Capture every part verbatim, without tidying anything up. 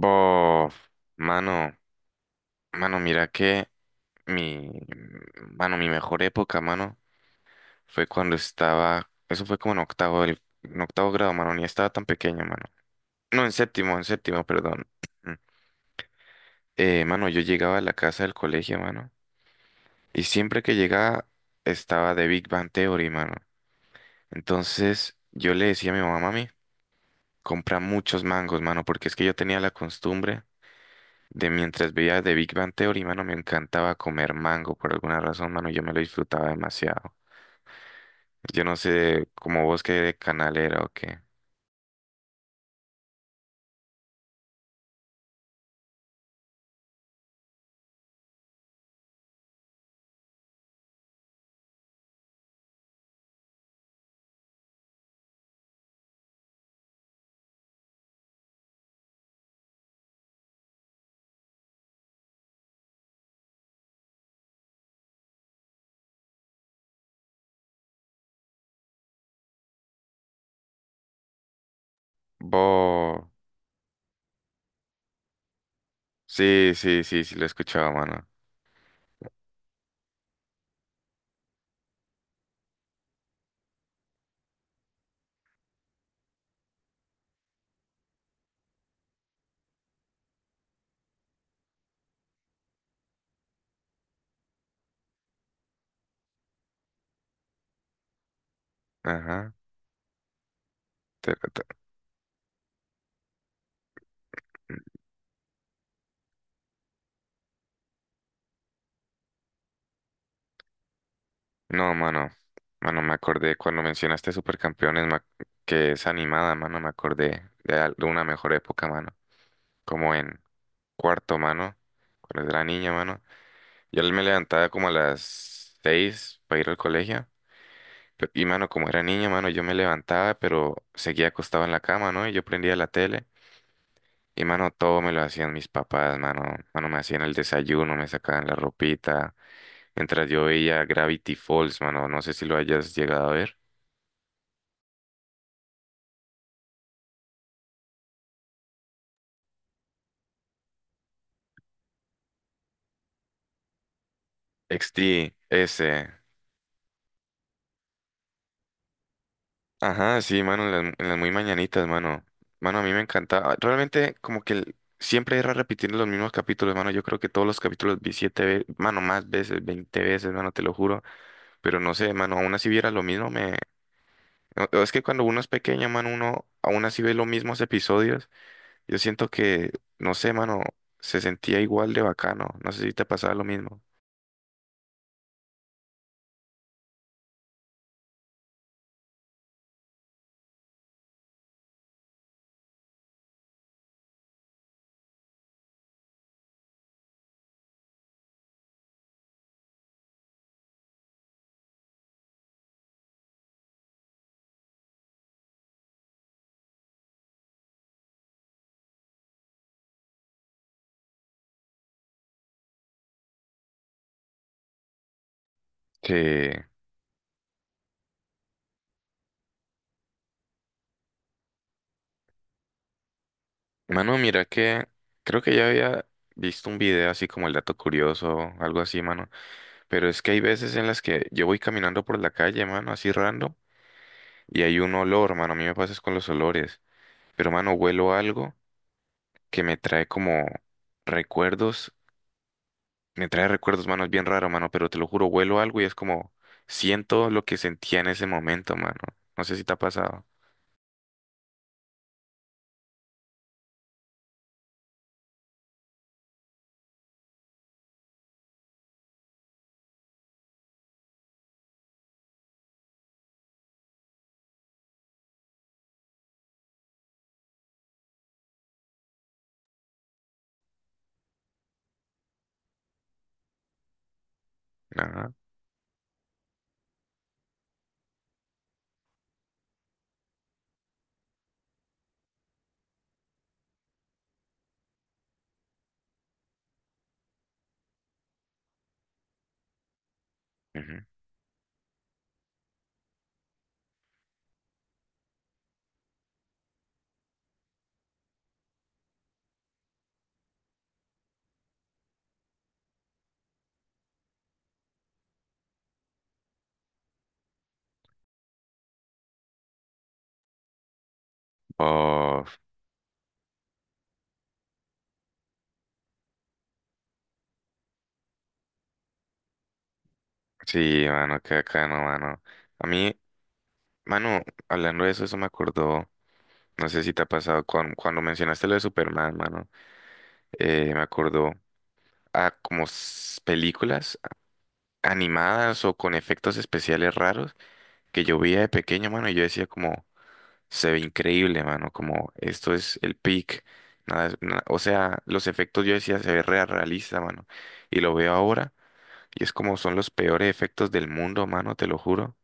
Bof, mano, mano, mira que mi, mano, mi mejor época, mano, fue cuando estaba, eso fue como en octavo, del- en octavo grado, mano, ni estaba tan pequeño, mano. No, en séptimo, en séptimo, perdón. Mm. Eh, mano, yo llegaba a la casa del colegio, mano, y siempre que llegaba estaba de Big Bang Theory, mano. Entonces yo le decía a mi mamá: mami, compra muchos mangos, mano, porque es que yo tenía la costumbre. De mientras veía de Big Bang Theory, mano, me encantaba comer mango por alguna razón, mano, yo me lo disfrutaba demasiado. Yo no sé como vos qué canal era o qué. Bo. Sí, sí, sí, sí, lo he escuchado, mano. Ajá. Te- te- No, mano. Mano, me acordé cuando mencionaste Supercampeones, ma- que es animada, mano, me acordé de al- de una mejor época, mano. Como en cuarto, mano, cuando era niña, mano. Yo me levantaba como a las seis para ir al colegio. Pe- Y mano, como era niño, mano, yo me levantaba, pero seguía acostado en la cama, ¿no? Y yo prendía la tele. Y mano, todo me lo hacían mis papás, mano. Mano, me hacían el desayuno, me sacaban la ropita. Mientras yo veía Gravity Falls, mano. No sé si lo hayas llegado a ver. X T ese. Ajá, sí, mano, en las, en las muy mañanitas, mano. Mano, a mí me encantaba. Realmente, como que el- siempre era repitiendo los mismos capítulos, mano. Yo creo que todos los capítulos vi siete veces, mano, más veces, veinte veces, mano, te lo juro. Pero no sé, mano, aún así viera lo mismo, me... No. Es que cuando uno es pequeño, mano, uno aún así ve los mismos episodios. Yo siento que, no sé, mano, se sentía igual de bacano. No sé si te pasaba lo mismo. Sí, mano, mira que creo que ya había visto un video así como el dato curioso, algo así, mano. Pero es que hay veces en las que yo voy caminando por la calle, mano, así random, y hay un olor, mano. A mí me pasa es con los olores. Pero, mano, huelo algo que me trae como recuerdos. Me trae recuerdos, mano, es bien raro, mano, pero te lo juro, vuelo algo y es como siento lo que sentía en ese momento, mano. No sé si te ha pasado. Ajá. Ujú. Oh, sí, mano, qué bacano, mano. A mí, mano, hablando de eso, eso me acordó, no sé si te ha pasado, cuan- cuando mencionaste lo de Superman, mano, eh, me acordó a como s- películas animadas o con efectos especiales raros que yo veía de pequeño, mano, y yo decía como... Se ve increíble, mano, como esto es el peak. Nada, es- na- o sea, los efectos yo decía se ve re realista, mano. Y lo veo ahora y es como son los peores efectos del mundo, mano, te lo juro.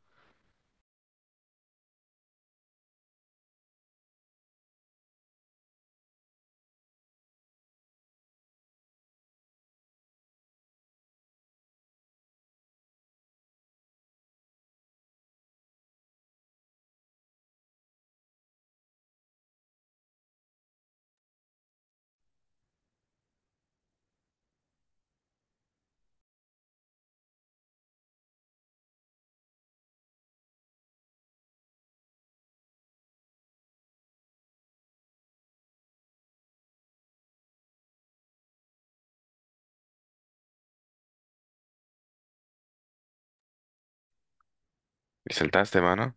¿Y saltaste, mano?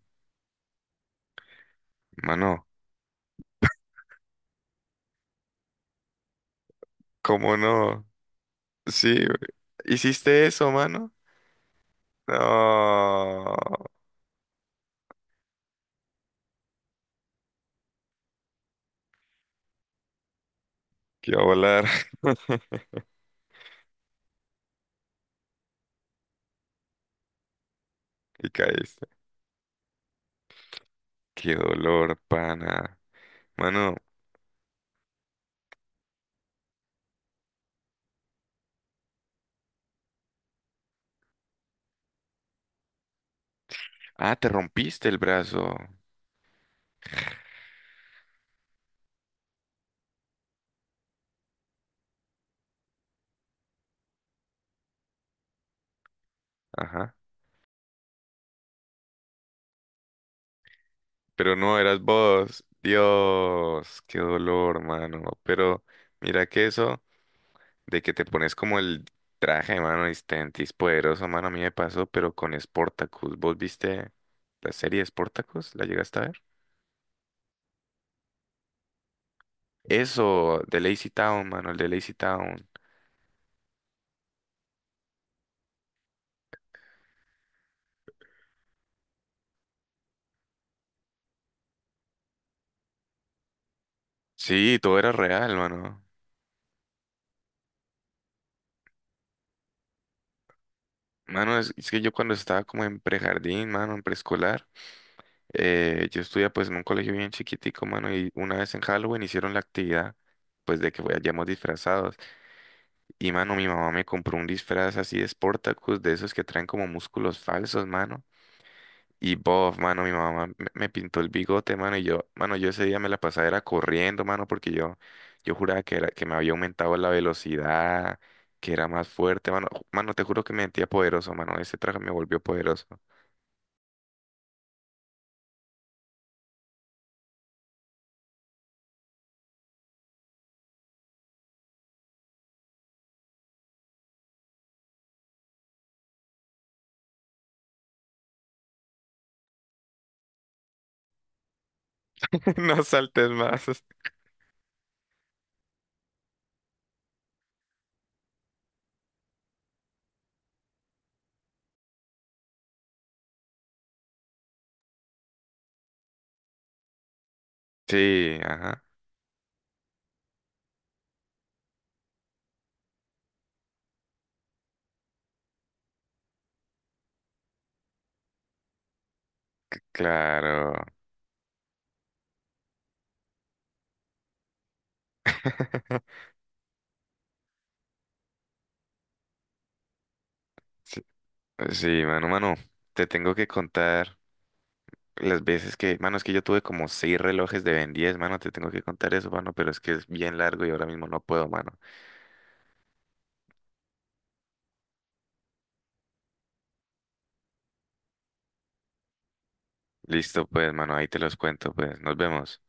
Mano, ¿cómo no? Sí, güey. ¿Hiciste eso, mano? No, que iba a volar y caíste. Qué dolor, pana. Mano, ah, te rompiste el brazo. Ajá. Pero no, eras vos. Dios, qué dolor, mano. Pero mira que eso de que te pones como el traje, mano, y Stentis poderoso, mano, a mí me pasó, pero con Spartacus. ¿Vos viste la serie Spartacus? ¿La llegaste a ver? Eso, de Lazy Town, mano, el de Lazy Town. Sí, todo era real, mano. Mano, es, es que yo cuando estaba como en prejardín, mano, en preescolar. Eh, yo estudié pues en un colegio bien chiquitico, mano, y una vez en Halloween hicieron la actividad, pues de que vayamos disfrazados. Y, mano, mi mamá me compró un disfraz así de Sportacus, de esos que traen como músculos falsos, mano. Y bof, mano, mi mamá me me pintó el bigote, mano, y yo, mano, yo ese día me la pasaba era corriendo, mano, porque yo, yo juraba que era, que me había aumentado la velocidad, que era más fuerte, mano. Ju- Mano, te juro que me sentía poderoso, mano. Ese traje me volvió poderoso. No saltes más. Sí, ajá. Claro. Sí, sí, mano, mano, te tengo que contar las veces que, mano, es que yo tuve como seis relojes de Ben diez, mano, te tengo que contar eso, mano, pero es que es bien largo y ahora mismo no puedo, mano. Listo, pues, mano, ahí te los cuento, pues, nos vemos.